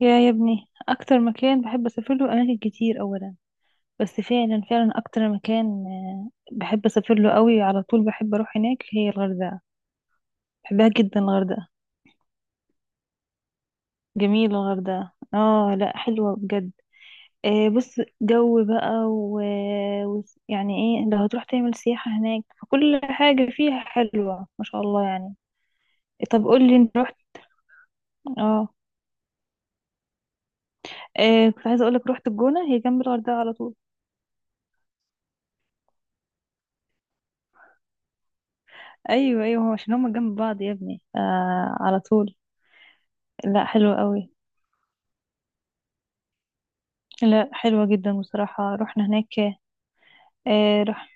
يا ابني اكتر مكان بحب اسافر له اماكن كتير اولا. بس فعلا اكتر مكان، بحب اسافر له قوي، على طول بحب اروح هناك، هي الغردقه. بحبها جدا الغردقه. جميله الغردقه، اه لا حلوه بجد. بص، جو بقى و... يعني ايه، لو هتروح تعمل سياحه هناك فكل حاجه فيها حلوه ما شاء الله يعني. طب قول لي، انت رحت؟ اه. كنت عايزه اقول لك، رحت الجونه، هي جنب الغردقه على طول. ايوه ايوه، عشان هما جنب بعض يا ابني، على طول. لا حلوة قوي. لا حلوة جدا بصراحة، رحنا هناك. آه رح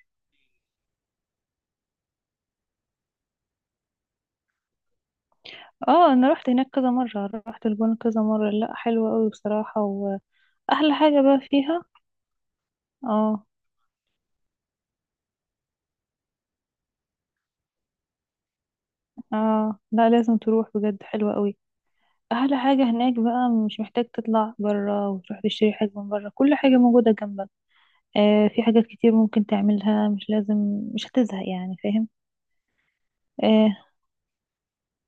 اه انا رحت هناك كذا مرة، رحت الجونة كذا مرة، لا حلوة قوي بصراحة. واحلى حاجة بقى فيها، اه اه، لا لازم تروح بجد، حلوة قوي. احلى حاجة هناك بقى، مش محتاج تطلع برا وتروح تشتري حاجة من برا، كل حاجة موجودة جنبك. في حاجات كتير ممكن تعملها، مش لازم، مش هتزهق يعني، فاهم. آه،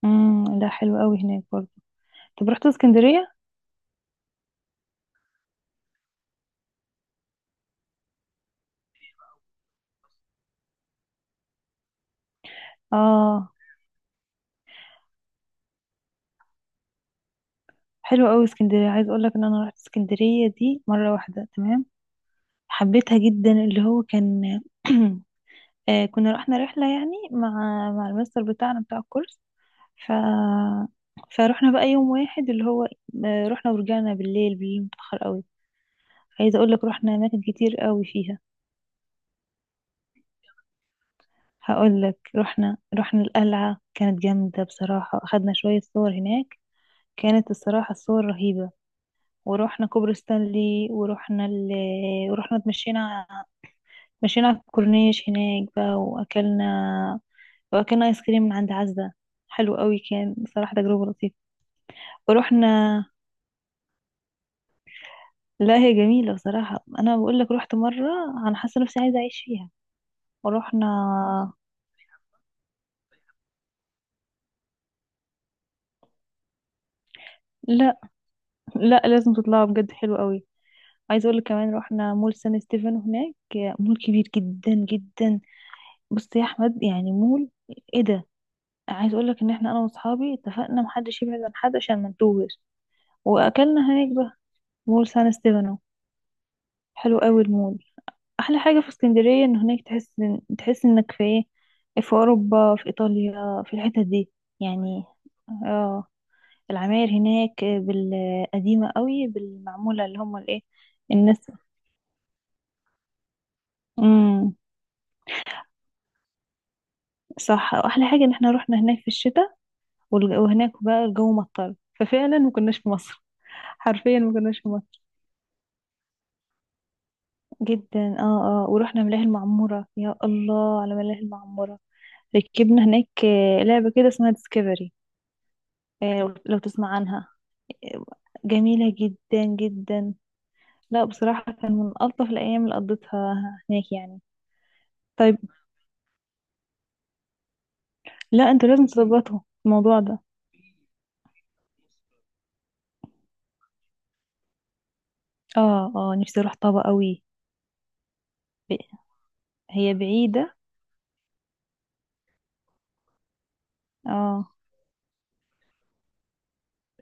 مم لا حلوة قوي هناك برضه. طب رحت اسكندرية؟ اه. حلو قوي اسكندريه، عايز اقول لك ان انا رحت اسكندريه دي مره واحده تمام. حبيتها جدا، اللي هو كان كنا رحنا رحله يعني مع مع المستر بتاعنا بتاع الكورس. ف فروحنا بقى يوم واحد، اللي هو رحنا ورجعنا بالليل، بالليل متاخر قوي. عايزه اقول لك رحنا اماكن كتير قوي فيها. هقول لك، رحنا القلعه، كانت جامده بصراحه، اخدنا شويه صور هناك. كانت الصراحه الصور رهيبه. ورحنا كوبري ستانلي، ورحنا اتمشينا، مشينا على الكورنيش هناك بقى، واكلنا، واكلنا ايس كريم من عند عزة. حلو قوي كان بصراحة، تجربة لطيفة. ورحنا، لا هي جميلة بصراحة، انا بقول لك رحت مرة، انا حاسة نفسي عايزة اعيش فيها. ورحنا، لا لا لازم تطلعوا بجد، حلو قوي. عايزة اقول لك كمان، رحنا مول سان ستيفانو هناك، مول كبير جدا جدا. بص يا احمد، يعني مول، ايه ده. عايز اقول لك ان احنا، انا واصحابي اتفقنا محدش يبعد عن حد عشان ما نتوهش. واكلنا هناك بقى، مول سان ستيفانو، حلو قوي المول. احلى حاجه في اسكندريه ان هناك تحس إن، تحس انك في ايه، في اوروبا، في ايطاليا، في الحتت دي يعني. اه. العماير هناك بالقديمه قوي، بالمعموله، اللي هم الايه، الناس. امم، صح. واحلى حاجه ان احنا رحنا هناك في الشتاء، وهناك بقى الجو مطر، ففعلا ما كناش في مصر. حرفيا ما كناش في مصر. جدا، اه اه. ورحنا ملاهي المعموره، يا الله على ملاهي المعموره. ركبنا هناك لعبه كده اسمها ديسكفري، لو تسمع عنها. آه، جميلة جدا جدا. لا بصراحة كان من ألطف الأيام اللي قضيتها هناك يعني. طيب، لا انتوا لازم تظبطوا الموضوع ده. اه اه، نفسي اروح طابة قوي. ب- هي بعيدة. اه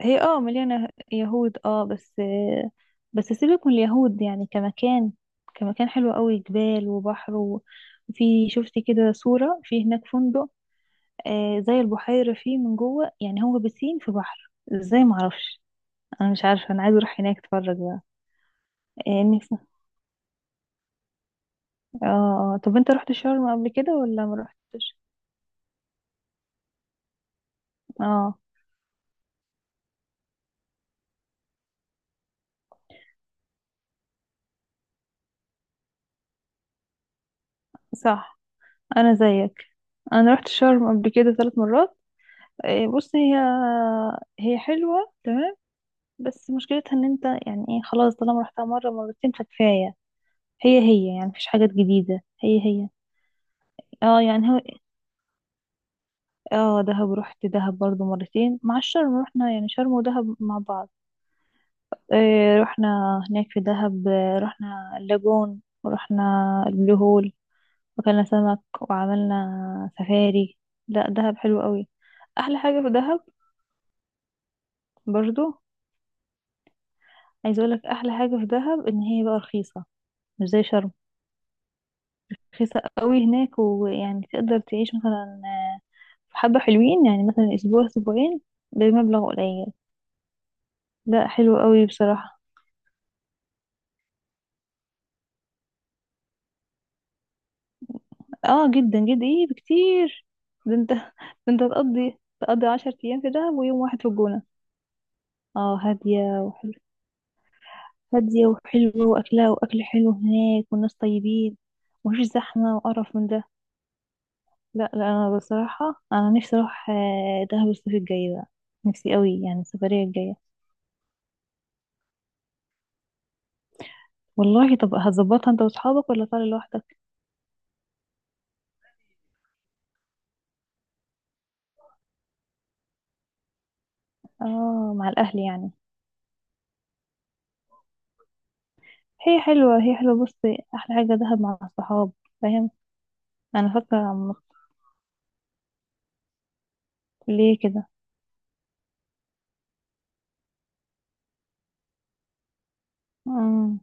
هي اه مليانة يهود اه بس، بس سيبك من اليهود يعني، كمكان، كمكان حلو قوي، جبال وبحر وفي شفت كده صورة في هناك فندق، آه زي البحيرة فيه من جوه يعني، هو بسين في بحر ازاي معرفش. انا مش عارفه، انا عايزه اروح هناك اتفرج بقى. إيه نفسي. اه آه. طب انت رحت شرم قبل كده ولا ما رحتش؟ اه، صح. انا زيك. انا رحت شرم قبل كده 3 مرات. إيه بص، هي حلوه تمام، بس مشكلتها ان انت يعني ايه، خلاص طالما رحتها مره مرتين فكفايه. هي يعني مفيش حاجات جديده، هي. اه يعني هو، اه دهب، رحت دهب برضو مرتين مع الشرم، رحنا يعني شرم ودهب مع بعض. رحنا هناك في دهب، رحنا اللاجون، ورحنا البلو هول، وكلنا سمك، وعملنا سفاري. لا دهب حلو قوي. احلى حاجة في دهب برضو، عايز اقولك احلى حاجة في دهب ان هي بقى رخيصة، مش زي شرم. رخيصة قوي هناك، ويعني تقدر تعيش مثلا آه، حبة حلوين يعني، مثلا اسبوع اسبوعين بمبلغ قليل. لا حلو قوي بصراحة. اه جدا جدا، ايه بكتير. ده انت ده انت تقضي 10 ايام في دهب ويوم واحد في الجونة. اه هادية وحلوة. هادية وحلوة، وأكلها، وأكل حلو هناك، والناس طيبين، ومفيش زحمة وقرف من ده. لا لا، أنا بصراحة أنا نفسي أروح دهب الصيف الجاي بقى، نفسي قوي يعني السفرية الجاية. والله طب هتظبطها أنت وأصحابك ولا طالع لوحدك؟ اه، مع الأهل يعني. هي حلوة، هي حلوة بص، أحلى حاجة دهب مع الصحاب، فاهم. أنا فاكرة ليه كده. امم،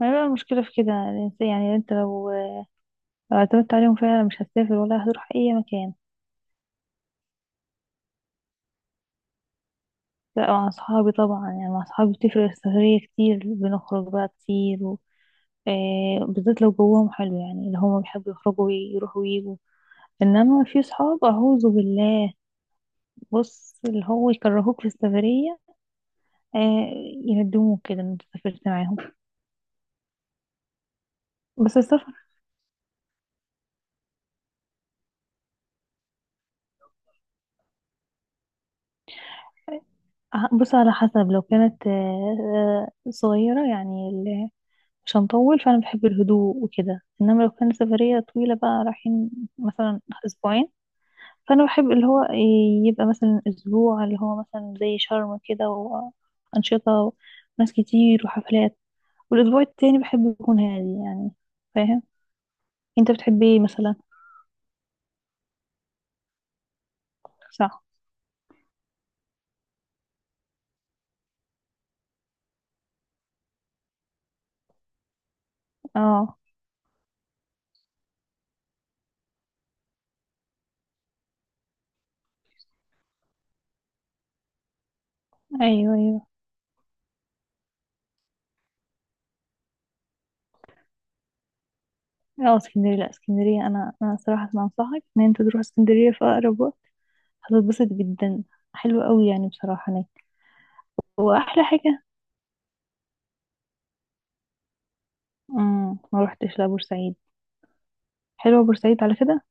ما هي بقى المشكلة في كده الإنسان، يعني أنت لو، لو اعتمدت عليهم فعلا مش هتسافر ولا هتروح أي مكان. لا مع أصحابي طبعا يعني، مع أصحابي بتفرق السفرية كتير، بنخرج بقى كتير و... بالذات لو جوهم حلو يعني، اللي هما بيحبوا يخرجوا ويروحوا ويجوا. إنما في صحاب أعوذ بالله، بص اللي هو يكرهوك في السفرية، آه، يندموك كده إن أنت سافرت معاهم. بس السفر، بص على حسب، لو كانت آه، صغيرة يعني، مش هنطول فأنا بحب الهدوء وكده. إنما لو كانت سفرية طويلة بقى، رايحين مثلا أسبوعين، فانا بحب اللي هو إيه، يبقى مثلا اسبوع، اللي هو مثلا زي شرم كده، وانشطه وناس كتير وحفلات. والاسبوع التاني بحب يكون هادي يعني، فاهم. انت بتحب ايه مثلا؟ صح. اه. ايوه ايوه. اه اسكندريه، لا اسكندريه، انا انا صراحه ما انصحك ان انت تروح اسكندريه في اقرب وقت، هتتبسط جدا. حلوه قوي يعني بصراحه هناك. واحلى حاجه، امم. ما روحتش لبورسعيد. حلوه بورسعيد على كده.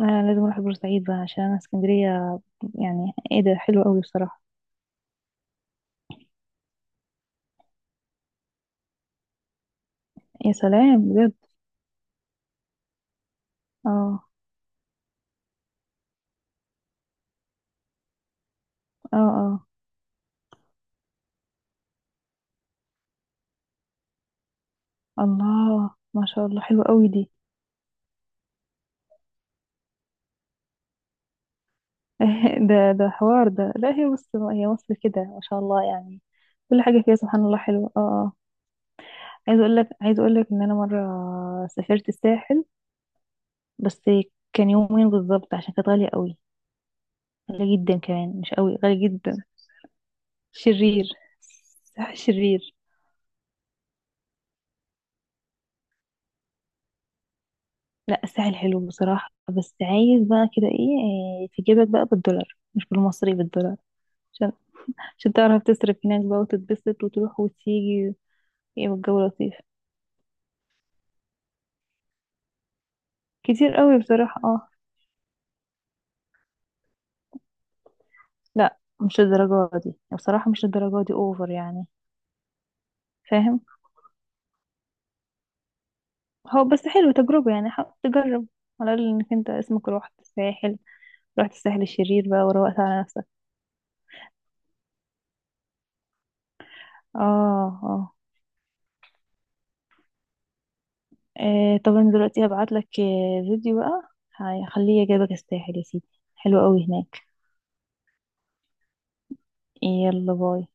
انا لازم اروح بورسعيد بقى، عشان انا اسكندريه يعني ايه ده، حلو قوي بصراحه. يا سلام بجد. اه اه اه. الله ما شاء الله حلو قوي دي. ده ده حوار ده، لا هي بص هي مصر كده ما شاء الله يعني، كل حاجه فيها سبحان الله حلوه. اه اه. عايز اقول لك ان انا مره سافرت الساحل، بس كان يومين بالظبط عشان كانت غاليه قوي. غاليه جدا، كمان مش قوي غاليه جدا. شرير. الساحل شرير. لا الساحل حلو بصراحة، بس عايز بقى كده ايه، إيه، في جيبك بقى بالدولار مش بالمصري، بالدولار، عشان تعرف تصرف هناك بقى، وتتبسط وتروح وتيجي. ايه، والجو لطيف. كتير قوي بصراحة اه. لا مش الدرجة دي بصراحة، مش الدرجة دي، اوفر يعني، فاهم. هو بس حلو تجربة يعني، حاول تجرب، على الأقل انك انت اسمك روحت الساحل، روحت الساحل الشرير بقى، وروقت على نفسك. اه آه. آه طب انا دلوقتي هبعت لك فيديو بقى، هخليه يجيبك الساحل يا سيدي، حلو قوي هناك. يلا باي.